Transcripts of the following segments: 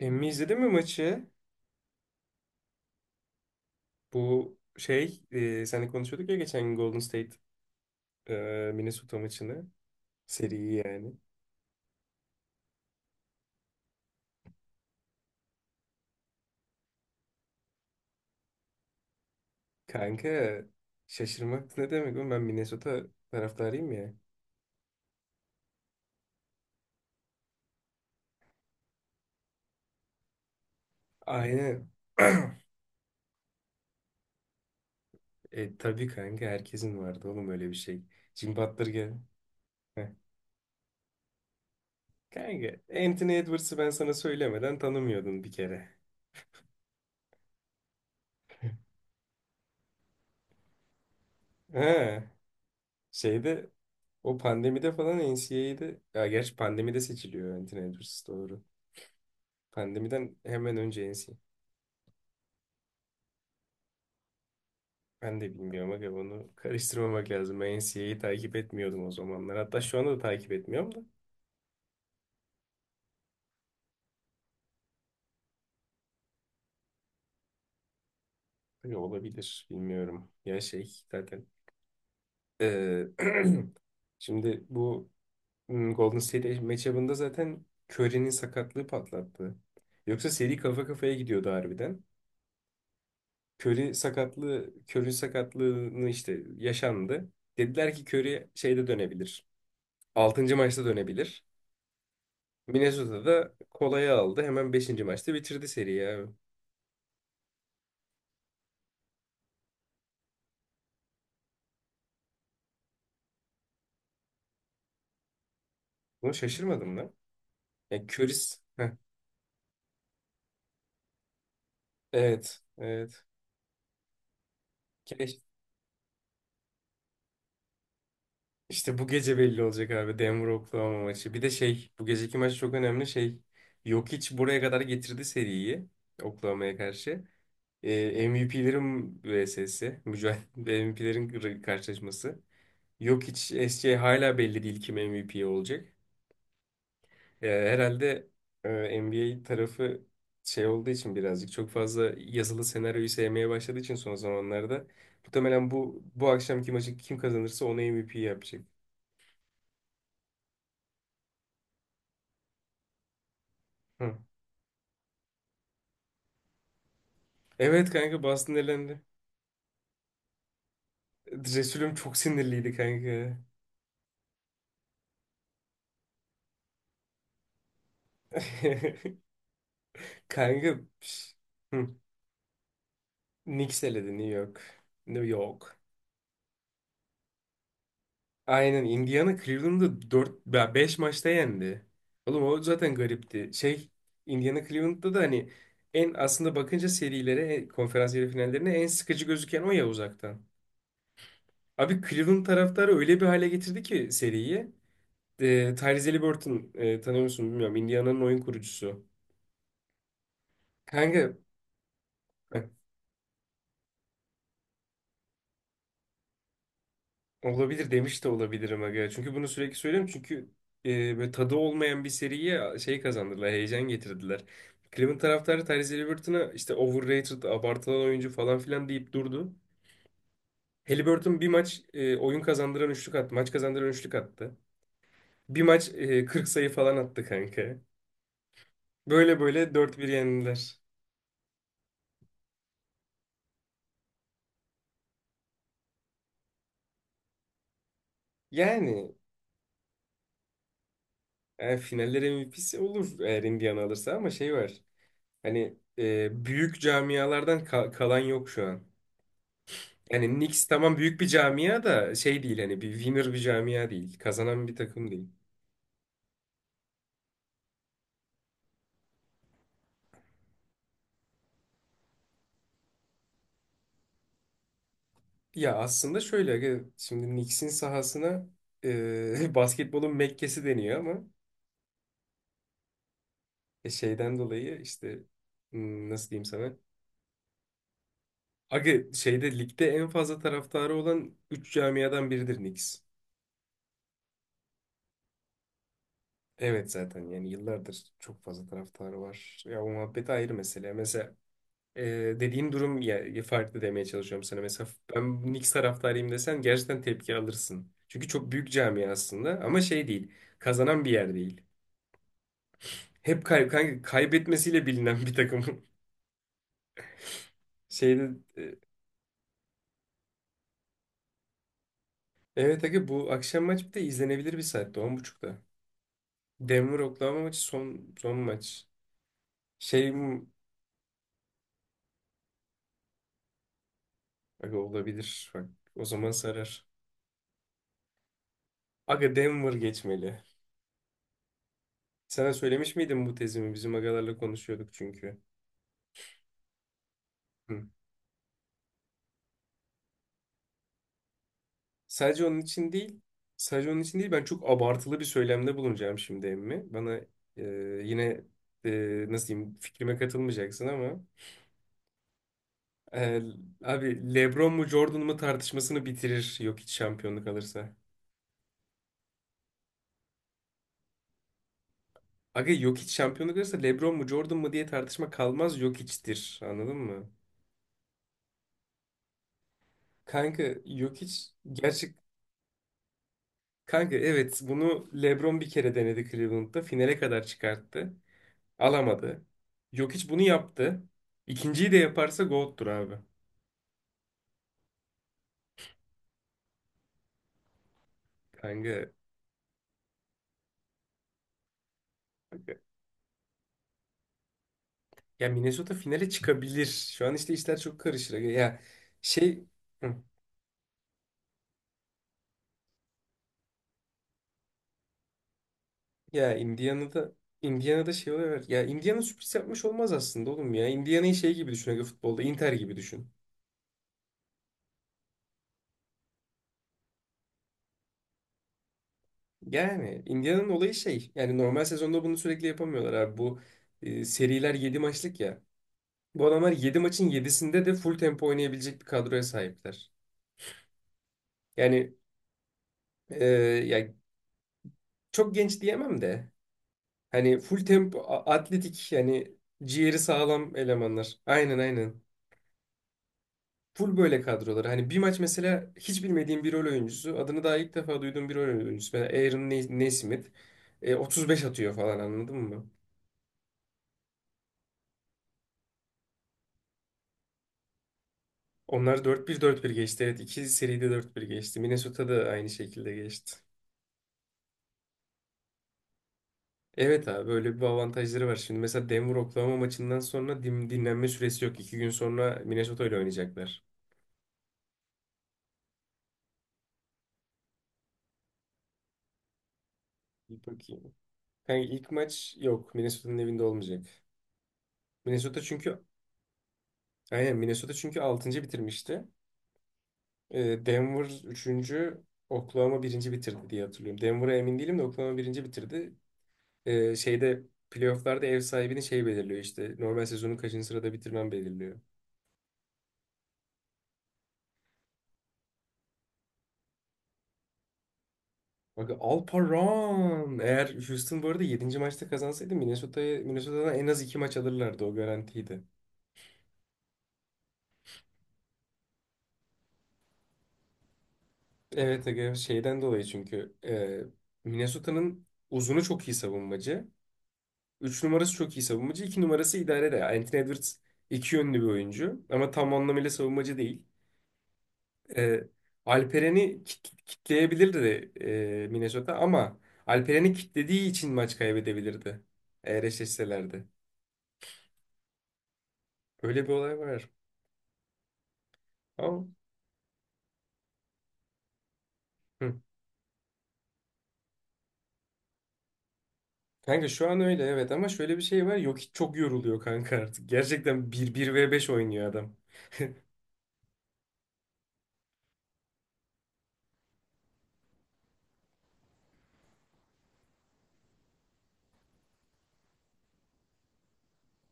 Emmi izledin mi maçı? Bu şey, seninle konuşuyorduk ya geçen gün Golden State e, Minnesota maçını. Seriyi yani. Kanka şaşırmak ne demek oğlum ben Minnesota taraftarıyım ya. Aynen. E tabii kanka herkesin vardı oğlum öyle bir şey. Jim Butler gel. Heh. Kanka Anthony Edwards'ı ben sana söylemeden tanımıyordun bir kere. Ha, şeyde o pandemide falan NCAA'de ya gerçi pandemide seçiliyor Anthony Edwards doğru. Pandemiden hemen önce NC. Ben de bilmiyorum aga onu karıştırmamak lazım. Ben NCA'yi takip etmiyordum o zamanlar. Hatta şu anda da takip etmiyorum da. Aga, olabilir bilmiyorum. Ya şey zaten. eee, şimdi bu Golden State matchup'ında zaten Curry'nin sakatlığı patlattı. Yoksa seri kafa kafaya gidiyordu harbiden. Curry sakatlığını işte yaşandı. Dediler ki Curry şeyde dönebilir. Altıncı maçta dönebilir. Minnesota'da kolayı aldı. Hemen beşinci maçta bitirdi seriyi abi. Bunu şaşırmadım lan. Yani Curry's... Heh, evet. Evet. Keş- İşte bu gece belli olacak abi. Denver Oklahoma maçı. Bir de şey bu geceki maç çok önemli şey. Jokic buraya kadar getirdi seriyi. Oklahoma'ya karşı. MVP'lerin vs'si. Mücadele MVP'lerin karşılaşması. Jokic, SGA hala belli değil kim MVP olacak. Ya herhalde e, NBA tarafı şey olduğu için birazcık çok fazla yazılı senaryoyu sevmeye başladığı için son zamanlarda muhtemelen bu akşamki maçı kim kazanırsa ona MVP yapacak. Hı. Evet kanka Boston elendi. Resulüm çok sinirliydi kanka. Kanka pş, hı. Knicks eledi New York. New York. Aynen Indiana Cleveland'ı 4 5 maçta yendi. Oğlum o zaten garipti. Şey Indiana Cleveland'da da hani en aslında bakınca serilere, konferans yarı finallerine en sıkıcı gözüken o ya uzaktan. Abi Cleveland taraftarı öyle bir hale getirdi ki seriyi. E, Tyrese Haliburton tanıyor musun bilmiyorum. Indiana'nın oyun kurucusu. Kanka olabilir demiş de olabilirim aga. Çünkü bunu sürekli söylüyorum. Çünkü böyle tadı olmayan bir seriye şey kazandırdılar. Heyecan getirdiler. Cleveland taraftarı Tyrese Halliburton'a işte overrated, abartılan oyuncu falan filan deyip durdu. Halliburton bir maç oyun kazandıran üçlük attı. Maç kazandıran üçlük attı. Bir maç 40 sayı falan attı kanka. Böyle böyle dört bir yendiler. Yani, yani, finaller MVP'si olur eğer Indiana alırsa ama şey var. Hani büyük camialardan kalan yok şu an. Yani Knicks tamam büyük bir camia da şey değil hani bir winner bir camia değil. Kazanan bir takım değil. Ya aslında şöyle aga, şimdi Knicks'in sahasına basketbolun Mekke'si deniyor ama şeyden dolayı işte nasıl diyeyim sana? Aga şeyde ligde en fazla taraftarı olan 3 camiadan biridir Knicks. Evet zaten yani yıllardır çok fazla taraftarı var. Ya o muhabbet ayrı mesele. Mesela e, dediğin durum ya, farklı demeye çalışıyorum sana. Mesela ben Knicks taraftarıyım desen gerçekten tepki alırsın. Çünkü çok büyük cami aslında ama şey değil. Kazanan bir yer değil. Hep kanka kaybetmesiyle bilinen bir takım. Şeyde e, evet aga bu akşam maç bir de izlenebilir bir saatte 10:30'da. Denver Oklahoma maçı son son maç. Şey mi- aga olabilir. Bak o zaman sarar. Aga Denver geçmeli. Sana söylemiş miydim bu tezimi? Bizim agalarla konuşuyorduk çünkü. Hı. Sadece onun için değil, ben çok abartılı bir söylemde bulunacağım şimdi emmi. Bana e, yine nasıl diyeyim fikrime katılmayacaksın ama e, abi LeBron mu Jordan mu tartışmasını bitirir Jokic şampiyonluk alırsa. Aga Jokic şampiyonluk alırsa LeBron mu Jordan mu diye tartışma kalmaz Jokic'tir anladın mı? Kanka Jokic gerçek kanka evet bunu LeBron bir kere denedi Cleveland'da finale kadar çıkarttı. Alamadı. Jokic bunu yaptı. İkinciyi de yaparsa GOAT'tur abi. Kanka. Ya Minnesota finale çıkabilir. Şu an işte işler çok karışır. Ya şey hı, ya Indiana'da şey oluyor. Evet. Ya Indiana sürpriz yapmış olmaz aslında oğlum ya. Indiana'yı şey gibi düşün aga futbolda. Inter gibi düşün. Yani Indiana'nın olayı şey. Yani normal sezonda bunu sürekli yapamıyorlar abi. Bu seriler 7 maçlık ya. Bu adamlar 7 maçın yedisinde de full tempo oynayabilecek bir kadroya sahipler. Yani e, ya çok genç diyemem de. Hani full tempo, atletik yani ciğeri sağlam elemanlar. Aynen aynen. Full böyle kadrolar. Hani bir maç mesela hiç bilmediğim bir rol oyuncusu. Adını daha ilk defa duyduğum bir rol oyuncusu. Mesela Aaron Nesmith. 35 atıyor falan anladın mı? Onlar dört bir dört bir geçti. Evet iki seride dört bir geçti. Minnesota da aynı şekilde geçti. Evet abi böyle bir avantajları var. Şimdi mesela Denver Oklahoma maçından sonra dinlenme süresi yok. 2 gün sonra Minnesota ile oynayacaklar. Bir bakayım. Yani ilk maç yok. Minnesota'nın evinde olmayacak. Minnesota çünkü aynen Minnesota çünkü altıncı bitirmişti. Denver üçüncü, Oklahoma birinci bitirdi diye hatırlıyorum. Denver'a emin değilim de Oklahoma birinci bitirdi. Şeyde playofflarda ev sahibini şey belirliyor işte. Normal sezonu kaçıncı sırada bitirmen belirliyor. Bak Alparan. Eğer Houston bu arada yedinci maçta kazansaydı Minnesota'ya Minnesota'dan en az 2 maç alırlardı o garantiydi. Evet aga şeyden dolayı çünkü Minnesota'nın uzunu çok iyi savunmacı. 3 numarası çok iyi savunmacı. İki numarası idare de. Anthony Edwards iki yönlü bir oyuncu. Ama tam anlamıyla savunmacı değil. Ee, Alperen'i kitleyebilirdi Minnesota ama Alperen'i kitlediği için maç kaybedebilirdi. Eğer eşleşselerdi. Öyle bir olay var. Ama, hı. Kanka şu an öyle evet ama şöyle bir şey var. Yok hiç çok yoruluyor kanka artık. Gerçekten bir ve beş oynuyor adam.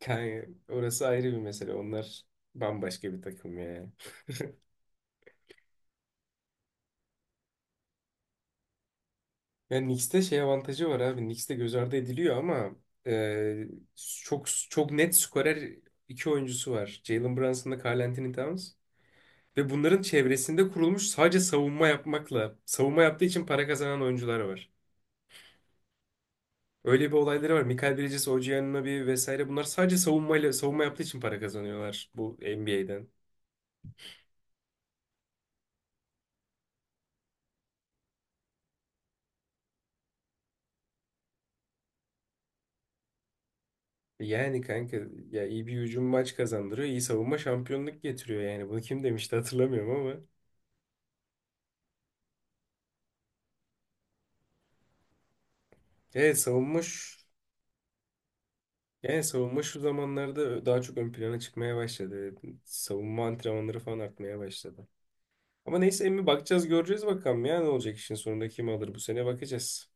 Kanka orası ayrı bir mesele. Onlar bambaşka bir takım ya. Yani Knicks'te şey avantajı var abi. Knicks'te göz ardı ediliyor ama e, çok çok net skorer iki oyuncusu var. Jalen Brunson'la Karl Anthony Towns. Ve bunların çevresinde kurulmuş sadece savunma yapmakla, savunma yaptığı için para kazanan oyuncular var. Öyle bir olayları var. Michael Bridges, OG Anunoby vesaire bunlar sadece savunmayla, savunma yaptığı için para kazanıyorlar bu NBA'den. Yani kanka ya iyi bir hücum maç kazandırıyor, iyi savunma şampiyonluk getiriyor yani. Bunu kim demişti hatırlamıyorum ama. Evet savunma. Yani savunma şu zamanlarda daha çok ön plana çıkmaya başladı. Savunma antrenmanları falan artmaya başladı. Ama neyse emmi bakacağız göreceğiz bakalım ya ne olacak işin sonunda kim alır bu sene bakacağız.